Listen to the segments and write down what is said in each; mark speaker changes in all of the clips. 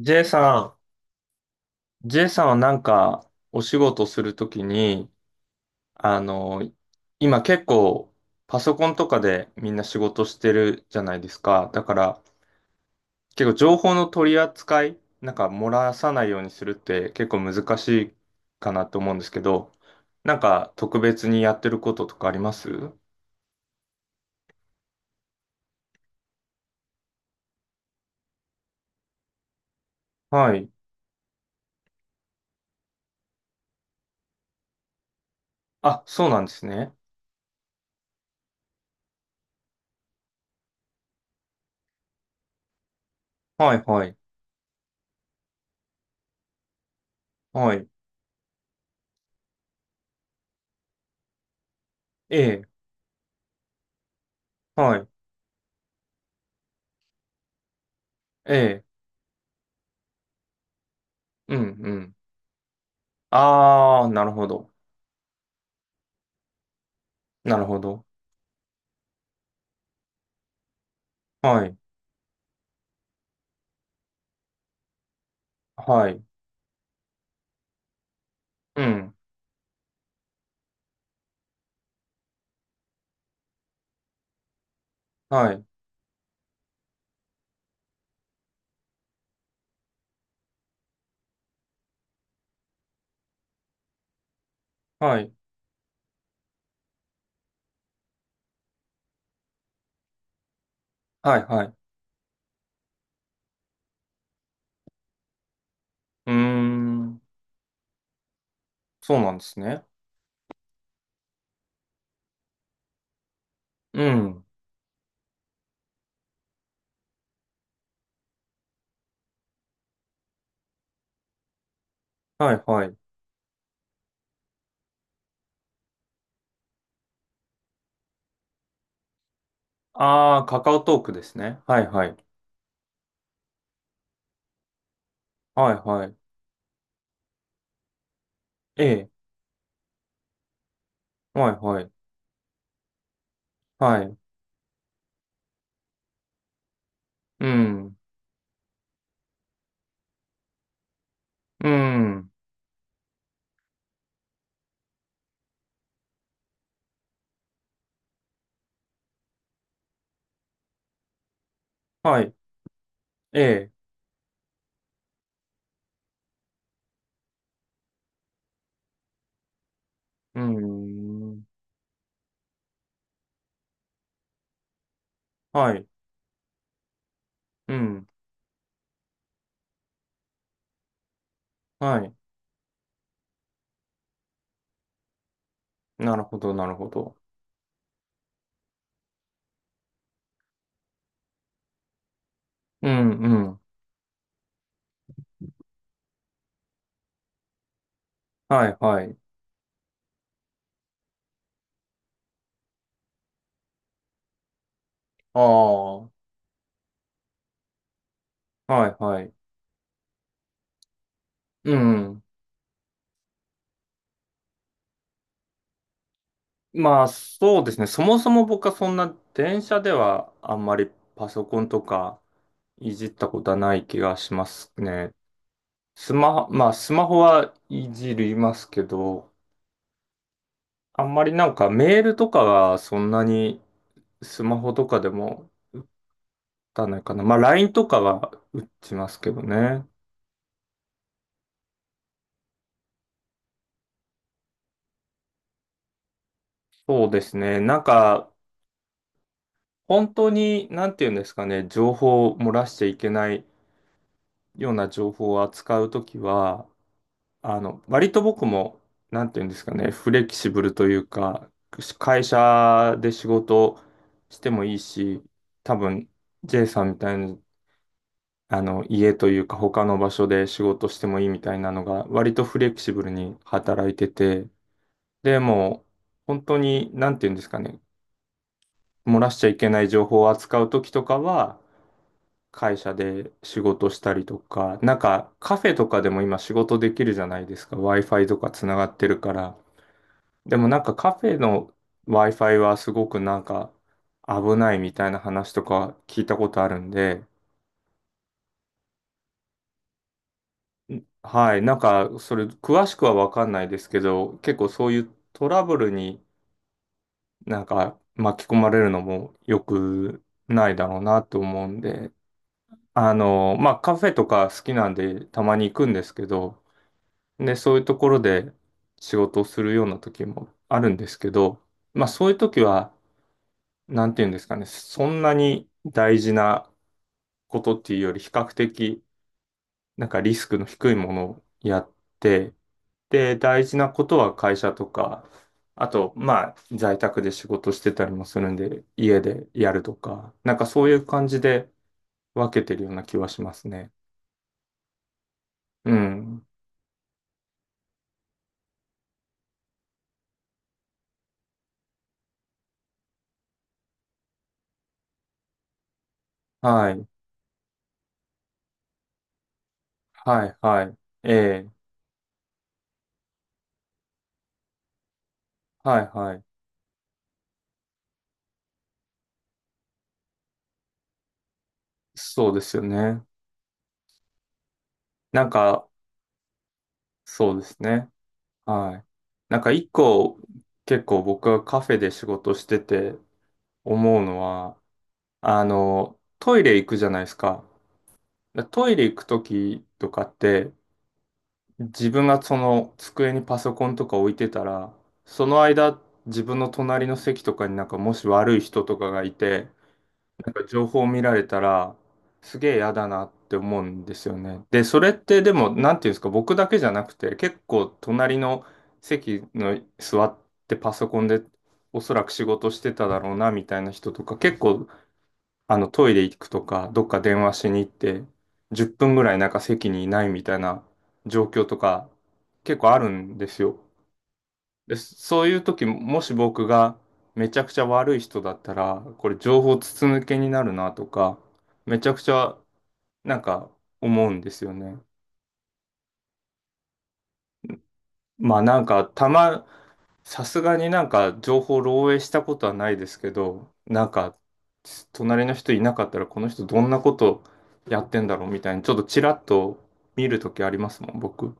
Speaker 1: J さん、J さんはなんかお仕事するときに、あの、今結構パソコンとかでみんな仕事してるじゃないですか。だから結構情報の取り扱い、なんか漏らさないようにするって結構難しいかなと思うんですけど、なんか特別にやってることとかあります。はい。あ、そうなんですね。はいはい。はい。ええ、はい。ええ、うんうん。あー、なるほど。なるほど。はいはい。うん。はい。はい。はい。はい。うーん。そうなんですね。うん。はい。はい。ああ、カカオトークですね。はい。はい。はい。はい。ええ。はい。はい。はい。うん。うん。はい。ええ。うーん。はい。うん。はい。なるほど。なるほど。うん。うん。はい。はい。ああ。はい。はい。うん。まあそうですね。そもそも僕はそんな電車ではあんまりパソコンとかいじったことはない気がしますね。まあスマホはいじりますけど、あんまりなんかメールとかはそんなにスマホとかでも打たないかな。まあ LINE とかは打ちますけどね。そうですね。なんか本当になんていうんですかね、情報を漏らしちゃいけないような情報を扱うときは、割と僕も、なんていうんですかね、フレキシブルというか、会社で仕事してもいいし、多分、J さんみたいに、家というか他の場所で仕事してもいいみたいなのが、割とフレキシブルに働いてて、でも、本当に、なんていうんですかね、漏らしちゃいけない情報を扱う時とかは、会社で仕事したりとか、なんかカフェとかでも今仕事できるじゃないですか。Wi-Fi とかつながってるから。でもなんかカフェの Wi-Fi はすごくなんか危ないみたいな話とか聞いたことあるんで、はい、なんかそれ詳しくはわかんないですけど、結構そういうトラブルになんか巻き込まれるのも良くないだろうなと思うんで、まあカフェとか好きなんでたまに行くんですけど、でそういうところで仕事をするような時もあるんですけど、まあそういう時は、なんていうんですかね、そんなに大事なことっていうより比較的なんかリスクの低いものをやって、で、大事なことは会社とか、あと、まあ、在宅で仕事してたりもするんで、家でやるとか、なんかそういう感じで分けてるような気はしますね。うん。はい。はい、はい。ええ。はい、はい。そうですよね。なんか、そうですね。はい。なんか一個、結構僕はカフェで仕事してて思うのは、トイレ行くじゃないですか。でトイレ行くときとかって、自分がその机にパソコンとか置いてたら、その間、自分の隣の席とかになんかもし悪い人とかがいて、なんか情報を見られたら、すげえ嫌だなって思うんですよね。で、それってでも、なんていうんですか、僕だけじゃなくて、結構隣の席の座ってパソコンでおそらく仕事してただろうなみたいな人とか結構トイレ行くとか、どっか電話しに行って、10分ぐらいなんか席にいないみたいな状況とか、結構あるんですよ。で、そういう時、もし僕がめちゃくちゃ悪い人だったら、これ情報筒抜けになるなとか、めちゃくちゃなんか思うんですよね。まあなんか、さすがになんか情報漏洩したことはないですけど、なんか隣の人いなかったらこの人どんなことやってんだろうみたいにちょっとちらっと見るときありますもん、僕。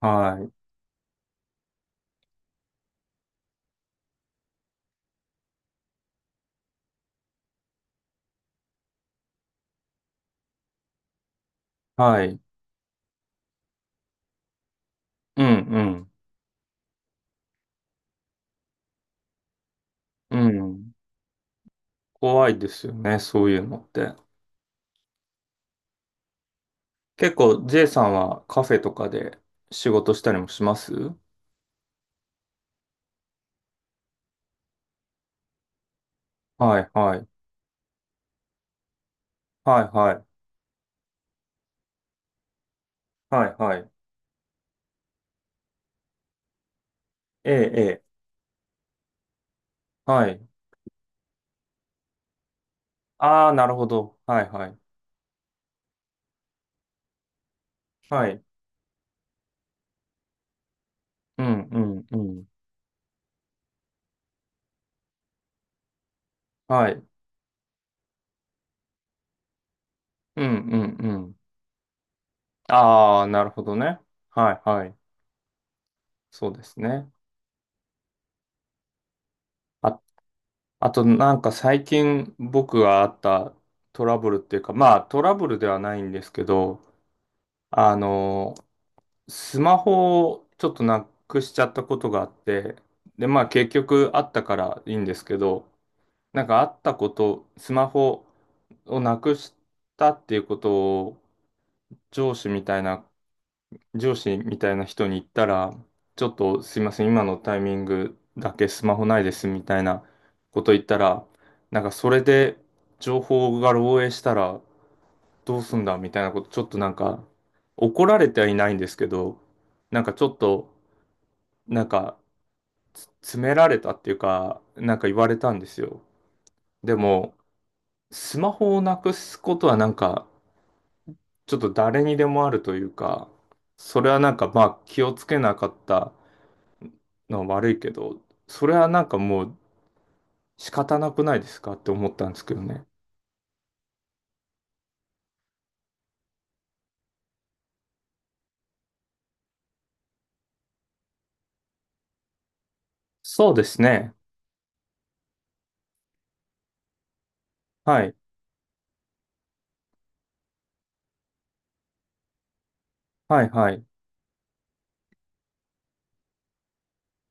Speaker 1: はい。はい。うんうん。うん。怖いですよね、そういうのって。結構 J さんはカフェとかで仕事したりもします。はいはい。はいはい。はいはい。ええ、ええ。はい。ああ、なるほど。はいはい。はい。うんうんうん。はい。うんうんうん。ああ、なるほどね。はいはい。そうですね。あ、あとなんか最近僕があったトラブルっていうか、まあトラブルではないんですけど、あの、スマホをちょっとなくしちゃったことがあって、で、まあ結局あったからいいんですけど、なんかあったこと、スマホをなくしたっていうことを上司みたいな上司みたいな人に言ったら、ちょっとすいません、今のタイミングだけスマホないですみたいなこと言ったら、なんかそれで情報が漏洩したらどうすんだみたいなこと、ちょっとなんか怒られてはいないんですけど、なんかちょっと、なんか詰められたっていうか、なんか言われたんですよ。でも、スマホをなくすことはなんか、ちょっと誰にでもあるというか、それはなんかまあ気をつけなかったのは悪いけど、それはなんかもう仕方なくないですかって思ったんですけどね。そうですね。はい。はいはい。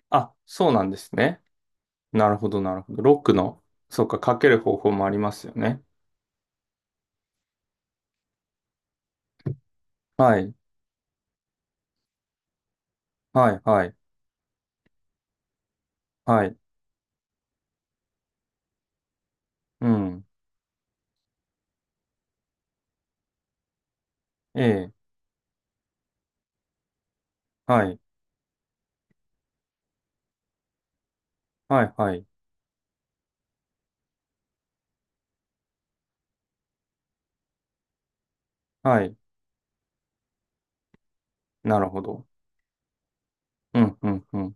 Speaker 1: あ、そうなんですね。なるほどなるほど。ロックの、そうか、かける方法もありますよね。はい。はいはいはい。うん。ええ。はい。はいはい。はい。なるほど。うんうんうん。